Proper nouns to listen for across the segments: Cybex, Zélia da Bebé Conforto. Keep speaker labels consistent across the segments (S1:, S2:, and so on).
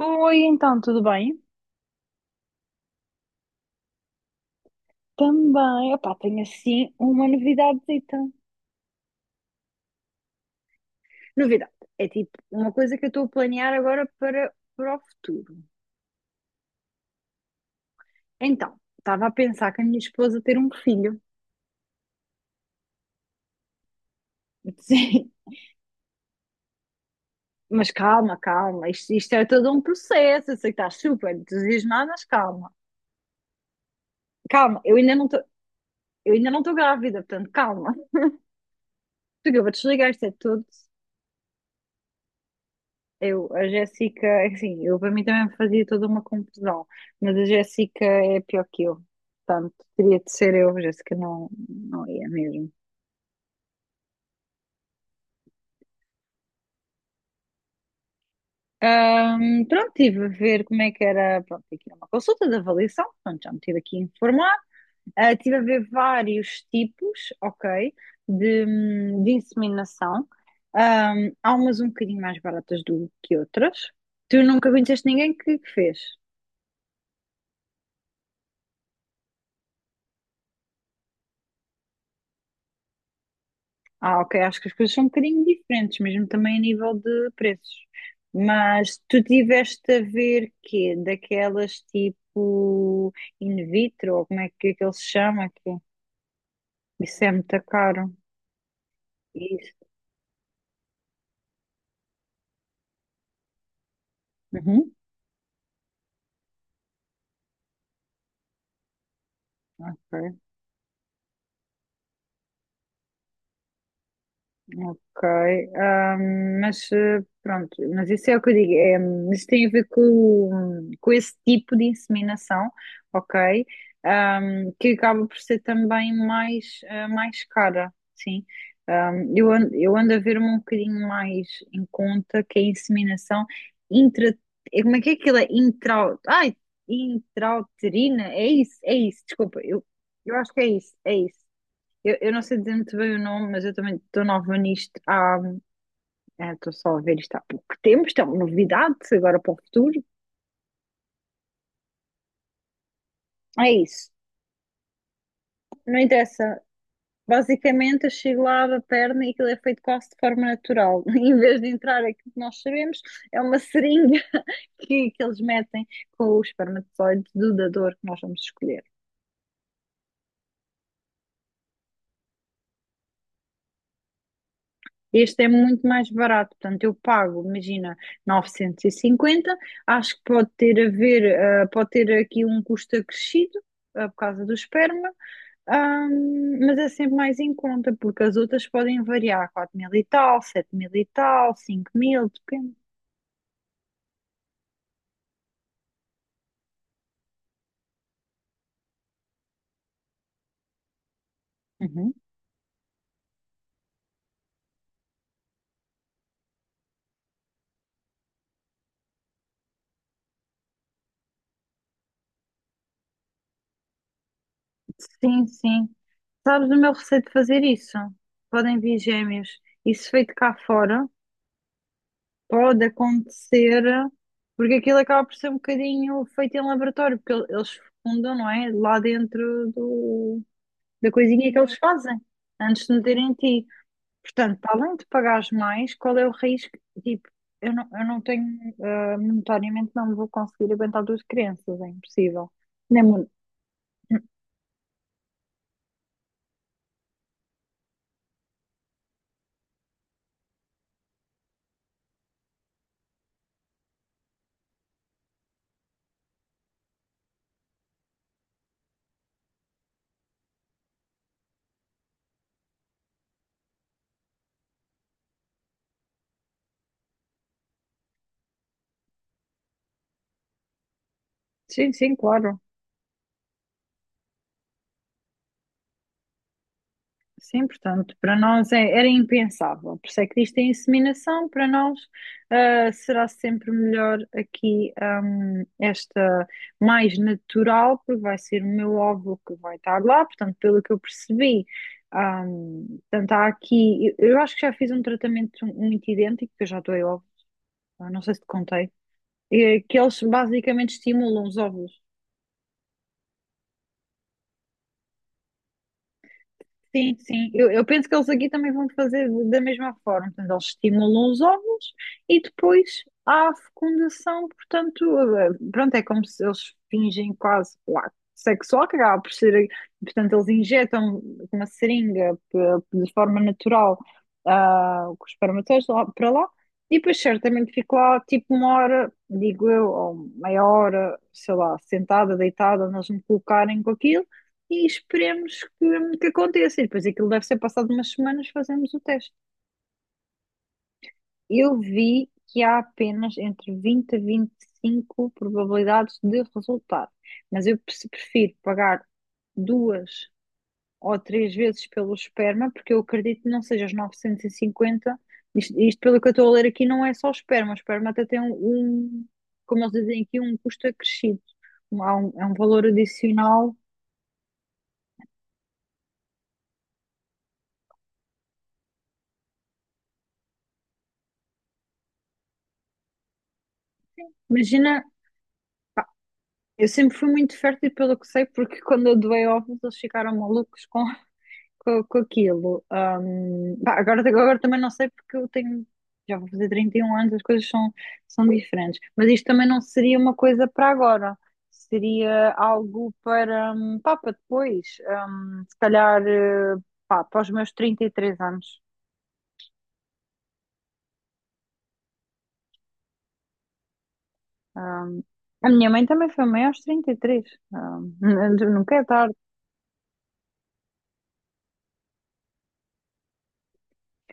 S1: Oi, então, tudo bem? Também, opá, tenho assim uma novidadezita. Novidade, é tipo uma coisa que eu estou a planear agora para o futuro. Então, estava a pensar que a minha esposa ter um filho. Sim, mas calma, calma, isto é todo um processo, eu sei que estás super entusiasmada, mas calma. Calma, eu ainda não estou grávida, portanto, calma. Porque eu vou desligar isto é tudo. Eu, a Jéssica, é assim, eu para mim também me fazia toda uma confusão, mas a Jéssica é pior que eu. Portanto, teria de ser eu, a Jéssica não, não ia mesmo. Pronto, estive a ver como é que era, pronto, aqui era uma consulta de avaliação, pronto, já me tive aqui a informar. Estive a ver vários tipos, ok, de inseminação. Há umas um bocadinho mais baratas do que outras. Tu nunca conheceste ninguém que fez? Ok. Acho que as coisas são um bocadinho diferentes, mesmo também a nível de preços. Mas tu tiveste a ver quê? Daquelas tipo in vitro, ou é que ele se chama aqui? Isso é muito caro. Isso. Uhum. Ok. Ok, ah, mas pronto, mas isso é o que eu digo, é, mas tem a ver com, esse tipo de inseminação, ok. Ah, que acaba por ser também mais cara, sim. Eu ando a ver-me um bocadinho mais em conta que a inseminação intra, como é que é aquilo? É intrauterina, é isso, desculpa, eu acho que é isso, é isso. Eu não sei dizer muito bem o nome, mas eu também estou nova nisto há. É, estou só a ver isto há pouco tempo, isto é uma novidade, agora para o futuro. É isso, não interessa. Basicamente, eu chego lá, abro a perna e aquilo é feito quase de forma natural. Em vez de entrar aquilo que nós sabemos, é uma seringa que eles metem com o espermatozoide do dador que nós vamos escolher. Este é muito mais barato, portanto, eu pago, imagina, 950. Acho que pode ter a ver, pode ter aqui um custo acrescido, por causa do esperma, mas é sempre mais em conta, porque as outras podem variar, 4 mil e tal, 7 mil e tal, 5 mil, depende. Uhum. Sim, sim. Sabes o meu receio de fazer isso? Podem vir gêmeos. Isso feito cá fora, pode acontecer, porque aquilo acaba por ser um bocadinho feito em laboratório, porque eles fundam, não é? Lá dentro da coisinha que eles fazem, antes de meterem em ti. Portanto, para além de pagares mais, qual é o risco? Tipo, eu não tenho, monetariamente não vou conseguir aguentar duas crianças, é impossível. Nem, mon- Sim, sim, claro. Sim, portanto, para nós era impensável. Por isso é que isto é inseminação, para nós será sempre melhor aqui, esta mais natural, porque vai ser o meu óvulo que vai estar lá. Portanto, pelo que eu percebi, portanto, há aqui, eu acho que já fiz um tratamento muito idêntico, que eu já doei óvulo, não sei se te contei, que eles basicamente estimulam os óvulos. Sim, sim. Eu penso que eles aqui também vão fazer da mesma forma. Portanto, eles estimulam os óvulos e depois há a fecundação. Portanto, pronto, é como se eles fingem quase lá, sexo oral, que acaba por ser. Portanto, eles injetam uma seringa de forma natural, com os espermatozoides lá, para lá, e depois certamente fico lá tipo uma hora, digo eu, ou meia hora, sei lá, sentada, deitada, nós me colocarem com aquilo e esperemos que aconteça. E depois aquilo deve ser passado umas semanas, fazemos o teste. Eu vi que há apenas entre 20 a 25 probabilidades de resultado, mas eu prefiro pagar duas ou três vezes pelo esperma, porque eu acredito que não seja os 950. Isto pelo que eu estou a ler aqui, não é só o esperma. O esperma até tem como eles dizem aqui, um custo acrescido. É um valor adicional. Imagina. Eu sempre fui muito fértil, pelo que sei, porque quando eu doei ovos eles ficaram malucos com, com aquilo. Pá, agora também não sei porque eu tenho, já vou fazer 31 anos, as coisas são, são diferentes. Mas isto também não seria uma coisa para agora, seria algo para, pá, para depois. Se calhar, pá, para os meus 33 anos. Ahm, a minha mãe também foi mãe aos 33. Nunca é tarde.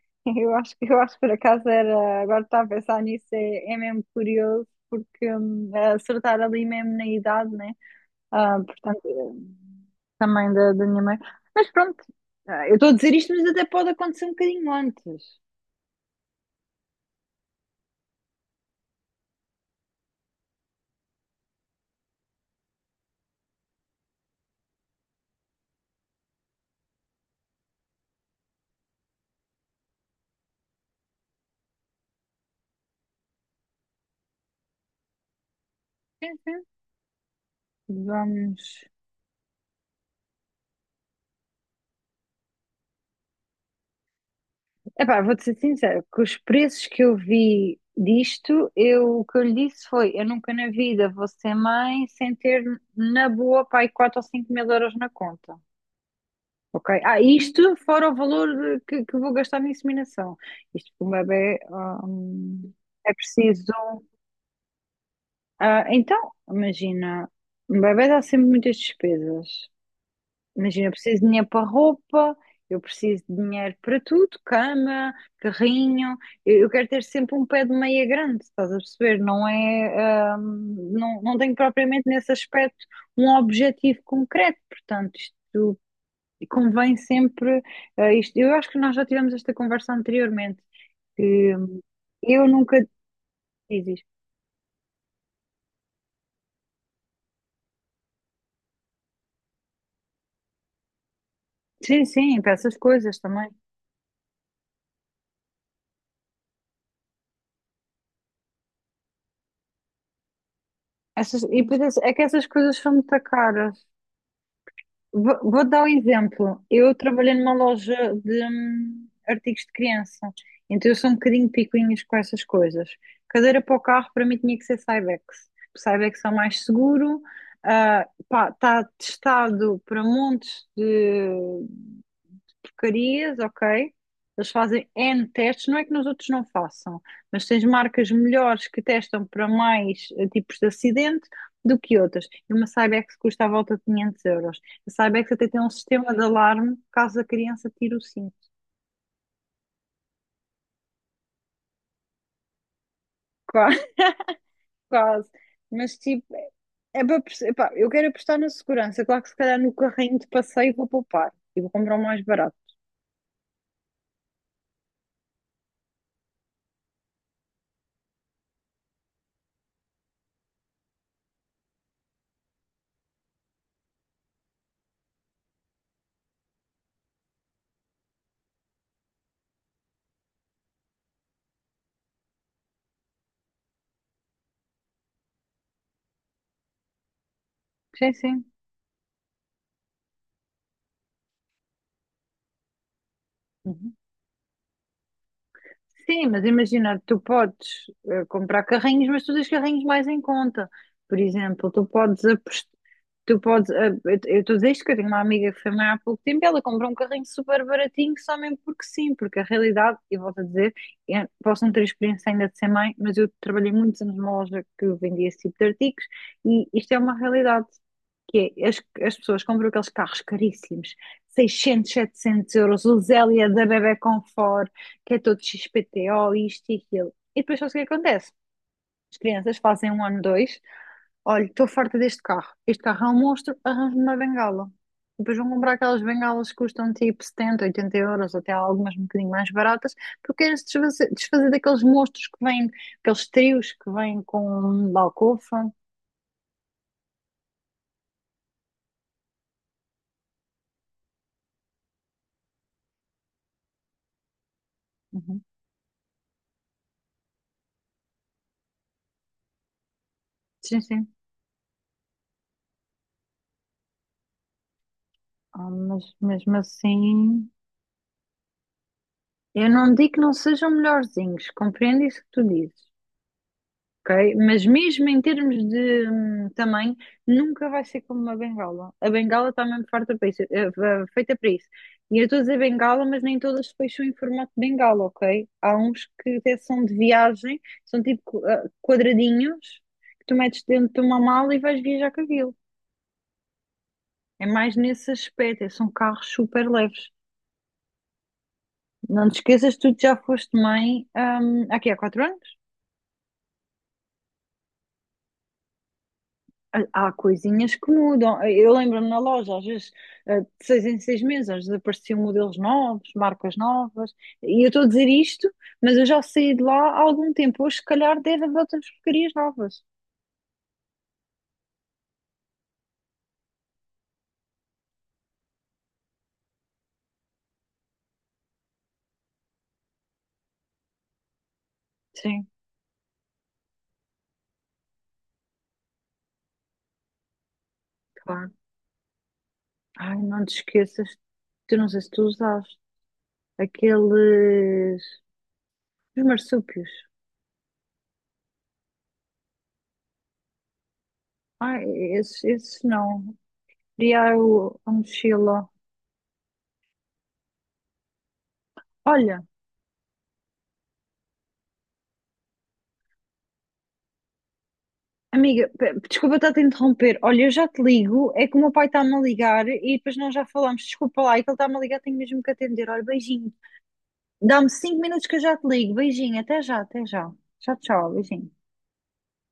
S1: Eu acho que por acaso era, agora estava a pensar nisso, é, é mesmo curioso, porque acertar ali mesmo na idade, né? Portanto, também da minha mãe. Mas pronto, eu estou a dizer isto, mas até pode acontecer um bocadinho antes. Sim, sim. Vamos. Epá, vou-te ser sincera, que os preços que eu vi disto, eu, o que eu lhe disse foi: eu nunca na vida vou ser mãe sem ter, na boa, pai, 4 ou 5 mil euros na conta. Ok. Isto fora o valor, que vou gastar na inseminação. Isto para um bebê, hum, é preciso. Então, imagina, um bebê dá sempre muitas despesas. Imagina, eu preciso de dinheiro para roupa, eu preciso de dinheiro para tudo, cama, carrinho. Eu quero ter sempre um pé de meia grande, estás a perceber? Não é, não, não tenho propriamente nesse aspecto um objetivo concreto. Portanto, isto. E convém sempre, isto, eu acho que nós já tivemos esta conversa anteriormente, que eu nunca dizes. Sim, sim, para essas coisas também. Essas, e depois é que essas coisas são muito caras. Vou dar um exemplo. Eu trabalhei numa loja de artigos de criança, então eu sou um bocadinho picuinhas com essas coisas. Cadeira para o carro para mim tinha que ser Cybex. Cybex é o mais seguro, está testado para montes de porcarias, ok? Eles fazem N testes, não é que nos outros não façam, mas tens marcas melhores que testam para mais tipos de acidente do que outras. E uma Cybex custa à volta de 500 euros. A Cybex até tem um sistema de alarme caso a criança tire o cinto. Quase, quase. Mas tipo, é para, epá, eu quero apostar na segurança. Claro que se calhar no carrinho de passeio vou poupar e vou comprar o mais barato. Sim, sim. Sim, mas imagina, tu podes comprar carrinhos, mas tu tens carrinhos mais em conta. Por exemplo, tu podes apostar. Tu podes, eu estou a dizer isto que eu tenho uma amiga que foi mãe há pouco tempo e ela comprou um carrinho super baratinho só mesmo porque sim, porque a realidade, e volto a dizer, eu posso não ter experiência ainda de ser mãe, mas eu trabalhei muitos anos numa loja que vendia esse tipo de artigos e isto é uma realidade, que é, as pessoas compram aqueles carros caríssimos, 600, 700 euros, o Zélia da Bebé Conforto, que é todo XPTO, isto e aquilo. E depois só o que é acontece. As crianças fazem um ano, dois, olha, estou farta deste carro, este carro é um monstro, arranjo-me uma bengala. E depois vão comprar aquelas bengalas que custam tipo 70, oitenta euros, até algumas um bocadinho mais baratas, porque queres desfazer, desfazer daqueles monstros que vêm, aqueles trios que vêm com um balcofa. Uhum. Sim, sim. Mas mesmo assim, eu não digo que não sejam melhorzinhos, compreendo isso que tu dizes, ok? Mas mesmo em termos de tamanho, nunca vai ser como uma bengala. A bengala está mesmo farta para isso, feita para isso. E eu estou a dizer bengala, mas nem todas depois são em formato de bengala, ok? Há uns que até são de viagem, são tipo quadradinhos que tu metes dentro de uma mala e vais viajar com aquilo. É mais nesse aspecto, é, são carros super leves. Não te esqueças, tu já foste mãe, aqui há 4 anos? Há coisinhas que mudam. Eu lembro-me na loja, às vezes, de 6 em 6 meses, às vezes apareciam modelos novos, marcas novas. E eu estou a dizer isto, mas eu já saí de lá há algum tempo. Hoje, se calhar, deve haver outras porcarias novas. Sim, claro. Ai, não te esqueças. Tu não sei se tu usaste aqueles. Os marsúpios. Ai, esses, esses não. Queria a mochila. Olha. Amiga, desculpa estar-te a te interromper. Olha, eu já te ligo. É que o meu pai está-me a ligar e depois nós já falamos. Desculpa lá, é que ele está-me a ligar, tenho mesmo que atender. Olha, beijinho. Dá-me 5 minutos que eu já te ligo. Beijinho, até já, até já. Tchau, tchau, beijinho.